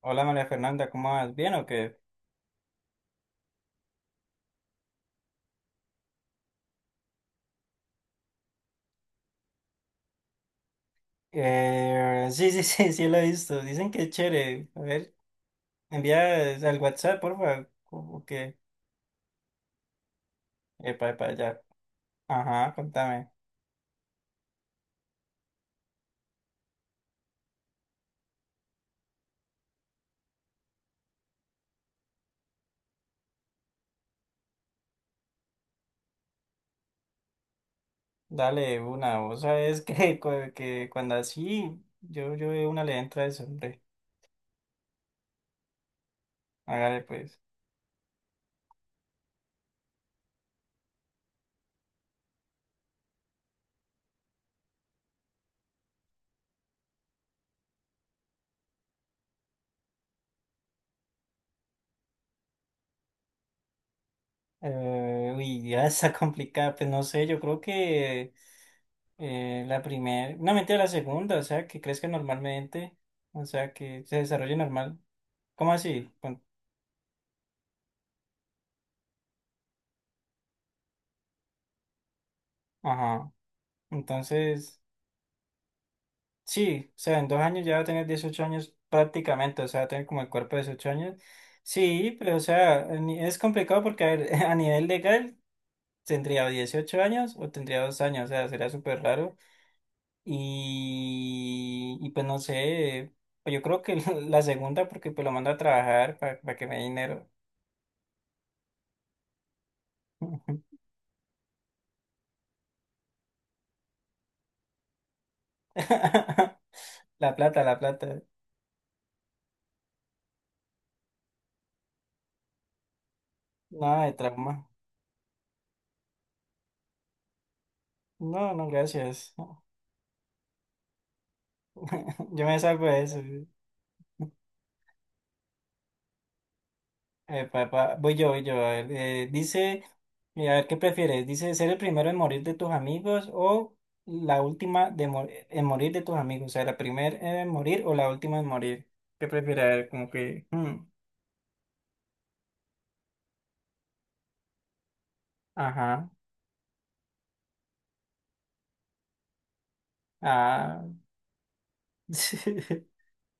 Hola María Fernanda, ¿cómo vas? ¿Bien o qué? Sí, sí, sí, sí lo he visto. Dicen que es chévere. A ver, envía al WhatsApp, por favor. ¿Cómo que? Epa, epa, ya. Ajá, contame. Dale una. Vos sabés que, que cuando así, yo de una le entra eso, hombre. Hágale pues. Uy, ya está complicada. Pues no sé, yo creo que la primera, no mentira, la segunda, o sea, que crezca normalmente, o sea, que se desarrolle normal. ¿Cómo así? Ajá. Entonces, sí, o sea, en 2 años ya va a tener 18 años prácticamente, o sea, va a tener como el cuerpo de 18 años. Sí, pero o sea, es complicado porque a ver, a nivel legal tendría o 18 años o tendría 2 años, o sea, sería súper raro. Y pues no sé, pues yo creo que la segunda porque pues lo mando a trabajar para que me dé dinero. La plata, la plata. Nada de trauma. No, no, gracias. Yo me salgo de eso. Epa, epa, voy yo, voy yo. A ver, dice, a ver, ¿qué prefieres? Dice, ¿ser el primero en morir de tus amigos o la última en morir de tus amigos? O sea, la primera en morir o la última en morir. ¿Qué prefieres? A ver, como que, hmm, ajá, ah,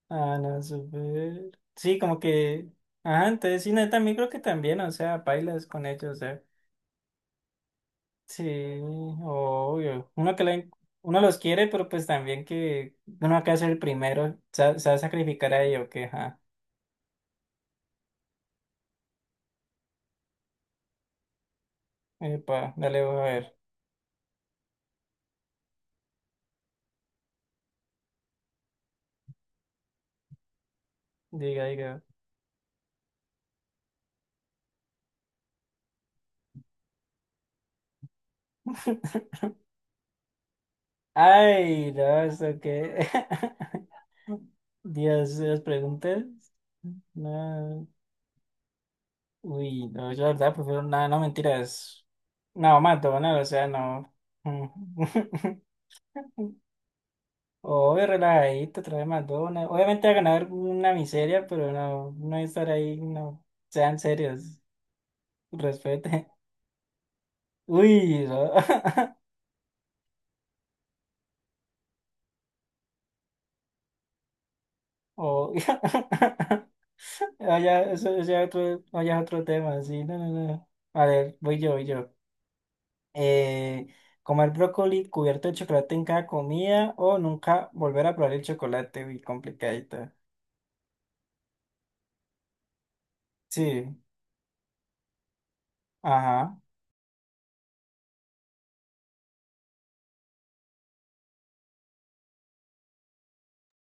ah, no, súper. Sí, como que, ajá, entonces sí, no también creo que también, o sea, bailas con ellos, sí, obvio. Uno que uno los quiere, pero pues también que uno acá es el primero. Se va a sacrificar a ello, que ajá. Epa, dale, voy a ver. Diga, diga. Ay, no, ¿esto qué? Dios, las preguntas. No. Uy, no, yo la verdad prefiero nada, no mentiras. No, McDonald's, o sea, no. Obvio, relajadito, trae McDonald's. Obviamente va a ganar una miseria, pero no, no estar ahí, no. Sean serios, respeten. Uy, no. Oh. Vaya, eso ya otro, vaya otro tema, sí, no, no, no. A ver, voy yo, voy yo. Eh, comer brócoli cubierto de chocolate en cada comida o nunca volver a probar el chocolate, uy, complicadita. Sí, ajá,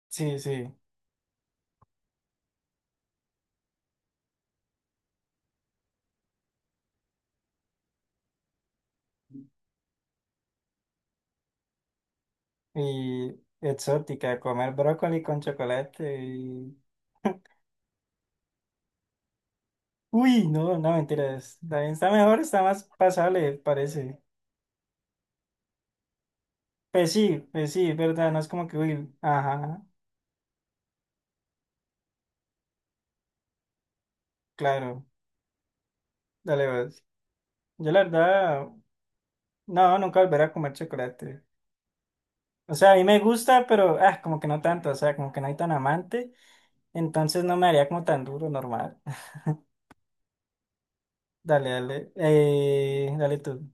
sí, sí. Y exótica, comer brócoli con chocolate y... Uy, no, no, mentiras. También está mejor, está más pasable, parece. Pues sí, es verdad, no es como que, uy, ajá, claro, dale vas. Yo la verdad, no, nunca volveré a comer chocolate. O sea, a mí me gusta, pero, ah, como que no tanto, o sea, como que no hay tan amante, entonces no me haría como tan duro, normal. Dale, dale, dale tú.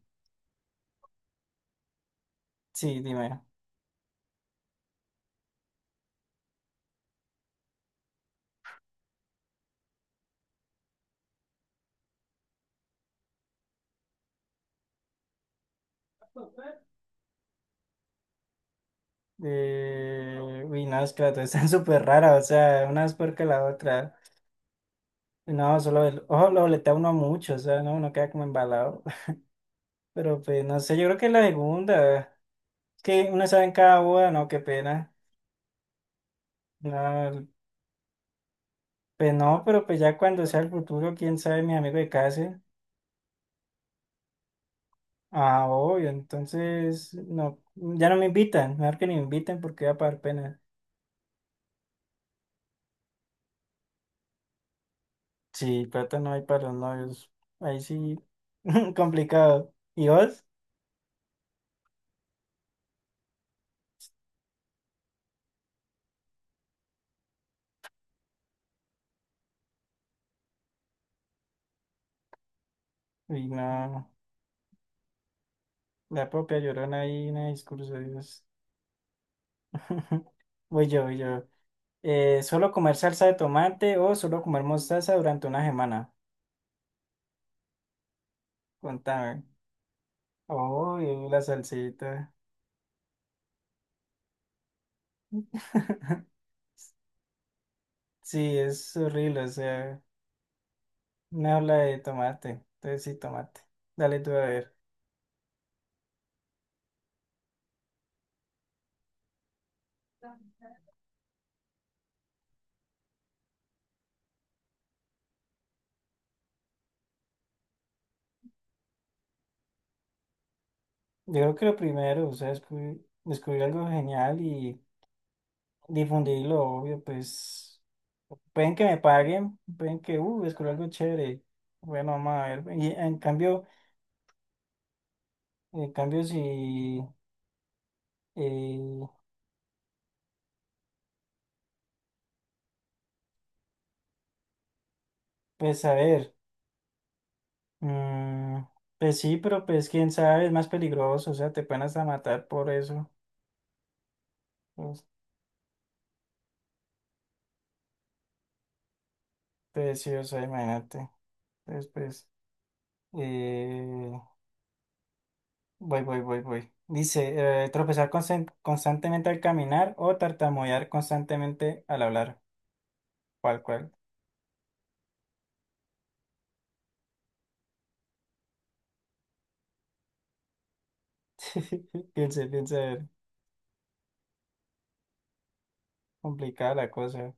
Sí, dime. Uy, no, es que las dos están súper raras, o sea, una es peor que la otra. No, solo el ojo lo boletea uno mucho, o sea, no, uno queda como embalado. Pero pues, no sé, yo creo que la segunda. Es que uno sabe en cada boda, no, qué pena. No, pues no, pero pues ya cuando sea el futuro, quién sabe, mi amigo de case. Ah, obvio, entonces, no, ya no me invitan, mejor que ni me inviten porque va a pagar pena. Sí, plata no hay para los novios. Ahí sí, complicado. ¿Y vos? Uy, no. La propia llorona ahí, en el discurso de Dios. Voy yo, voy yo. ¿Solo comer salsa de tomate o solo comer mostaza durante una semana? Contame. Oh, la salsita. Sí, es horrible, o sea, me habla de tomate. Entonces sí, tomate. Dale tú a ver. Yo creo que lo primero, o sea, descubrir algo genial y difundirlo, obvio, pues pueden que me paguen, pueden que, descubrí algo chévere. Bueno, vamos a ver. Y en cambio... cambios y, eh, pues a ver, mm, pues sí, pero pues quién sabe, es más peligroso, o sea, te pueden hasta matar por eso. Pues, pues sí, o sea, imagínate. Entonces, pues, eh, voy, voy, voy, voy. Dice, tropezar constantemente al caminar o tartamudear constantemente al hablar. ¿Cuál, cuál? Piense, piense, a ver, complicada la cosa.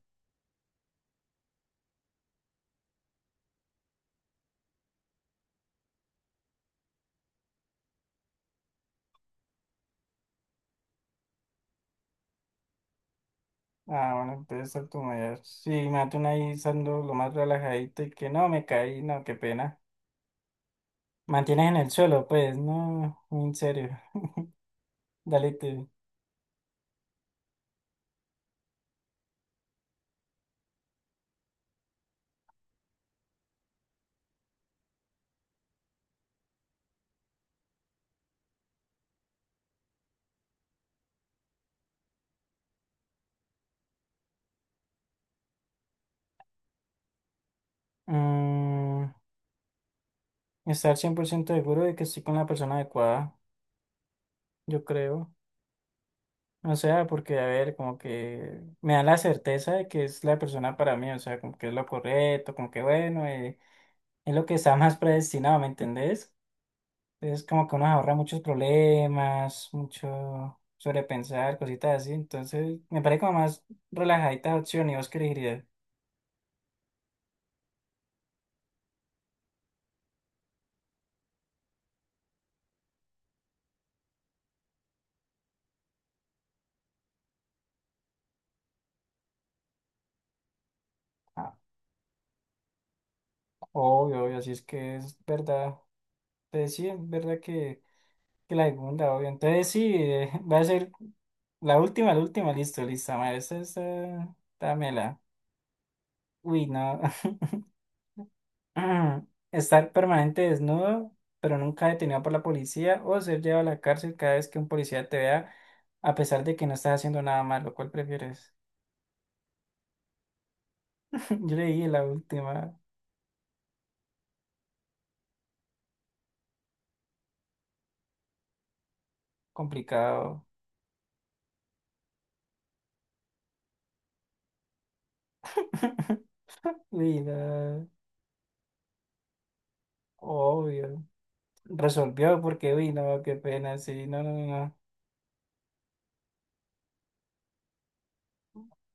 Ah, bueno, entonces ser tu mayor sí, mate ahí saldo lo más relajadito y que no, me caí, no, qué pena. Mantienes en el suelo, pues, no, en serio. Dale tú. Mm, estar 100% seguro de que estoy con la persona adecuada, yo creo. O sea, porque, a ver, como que me da la certeza de que es la persona para mí, o sea, como que es lo correcto, como que, bueno, es lo que está más predestinado, ¿me entendés? Es como que uno se ahorra muchos problemas, mucho sobrepensar, cositas así. Entonces, me parece como más relajadita opción y vos qué elegirías. Ah, obvio, obvio, así es que es verdad. Entonces, sí, es verdad que, la segunda, obvio. Entonces, sí, va a ser la última, listo, lista, madre. Esta, dámela. Uy, no. Ujú. Estar permanente desnudo, pero nunca detenido por la policía, o ser llevado a la cárcel cada vez que un policía te vea, a pesar de que no estás haciendo nada malo. ¿Cuál prefieres? Yo leí la última, complicado. Uy, no, obvio. Resolvió porque, uy, no, qué pena, sí, no, no, no, no.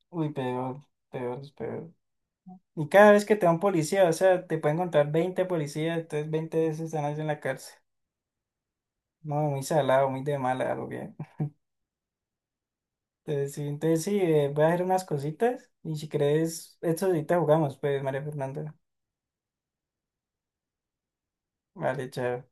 Uy, peor, peor, es peor. Y cada vez que te da un policía, o sea, te pueden encontrar 20 policías, entonces 20 veces están en la cárcel. No, muy salado, muy de mala, algo bien. Entonces sí, voy a hacer unas cositas y si crees, esto ahorita jugamos, pues, María Fernanda. Vale, chao.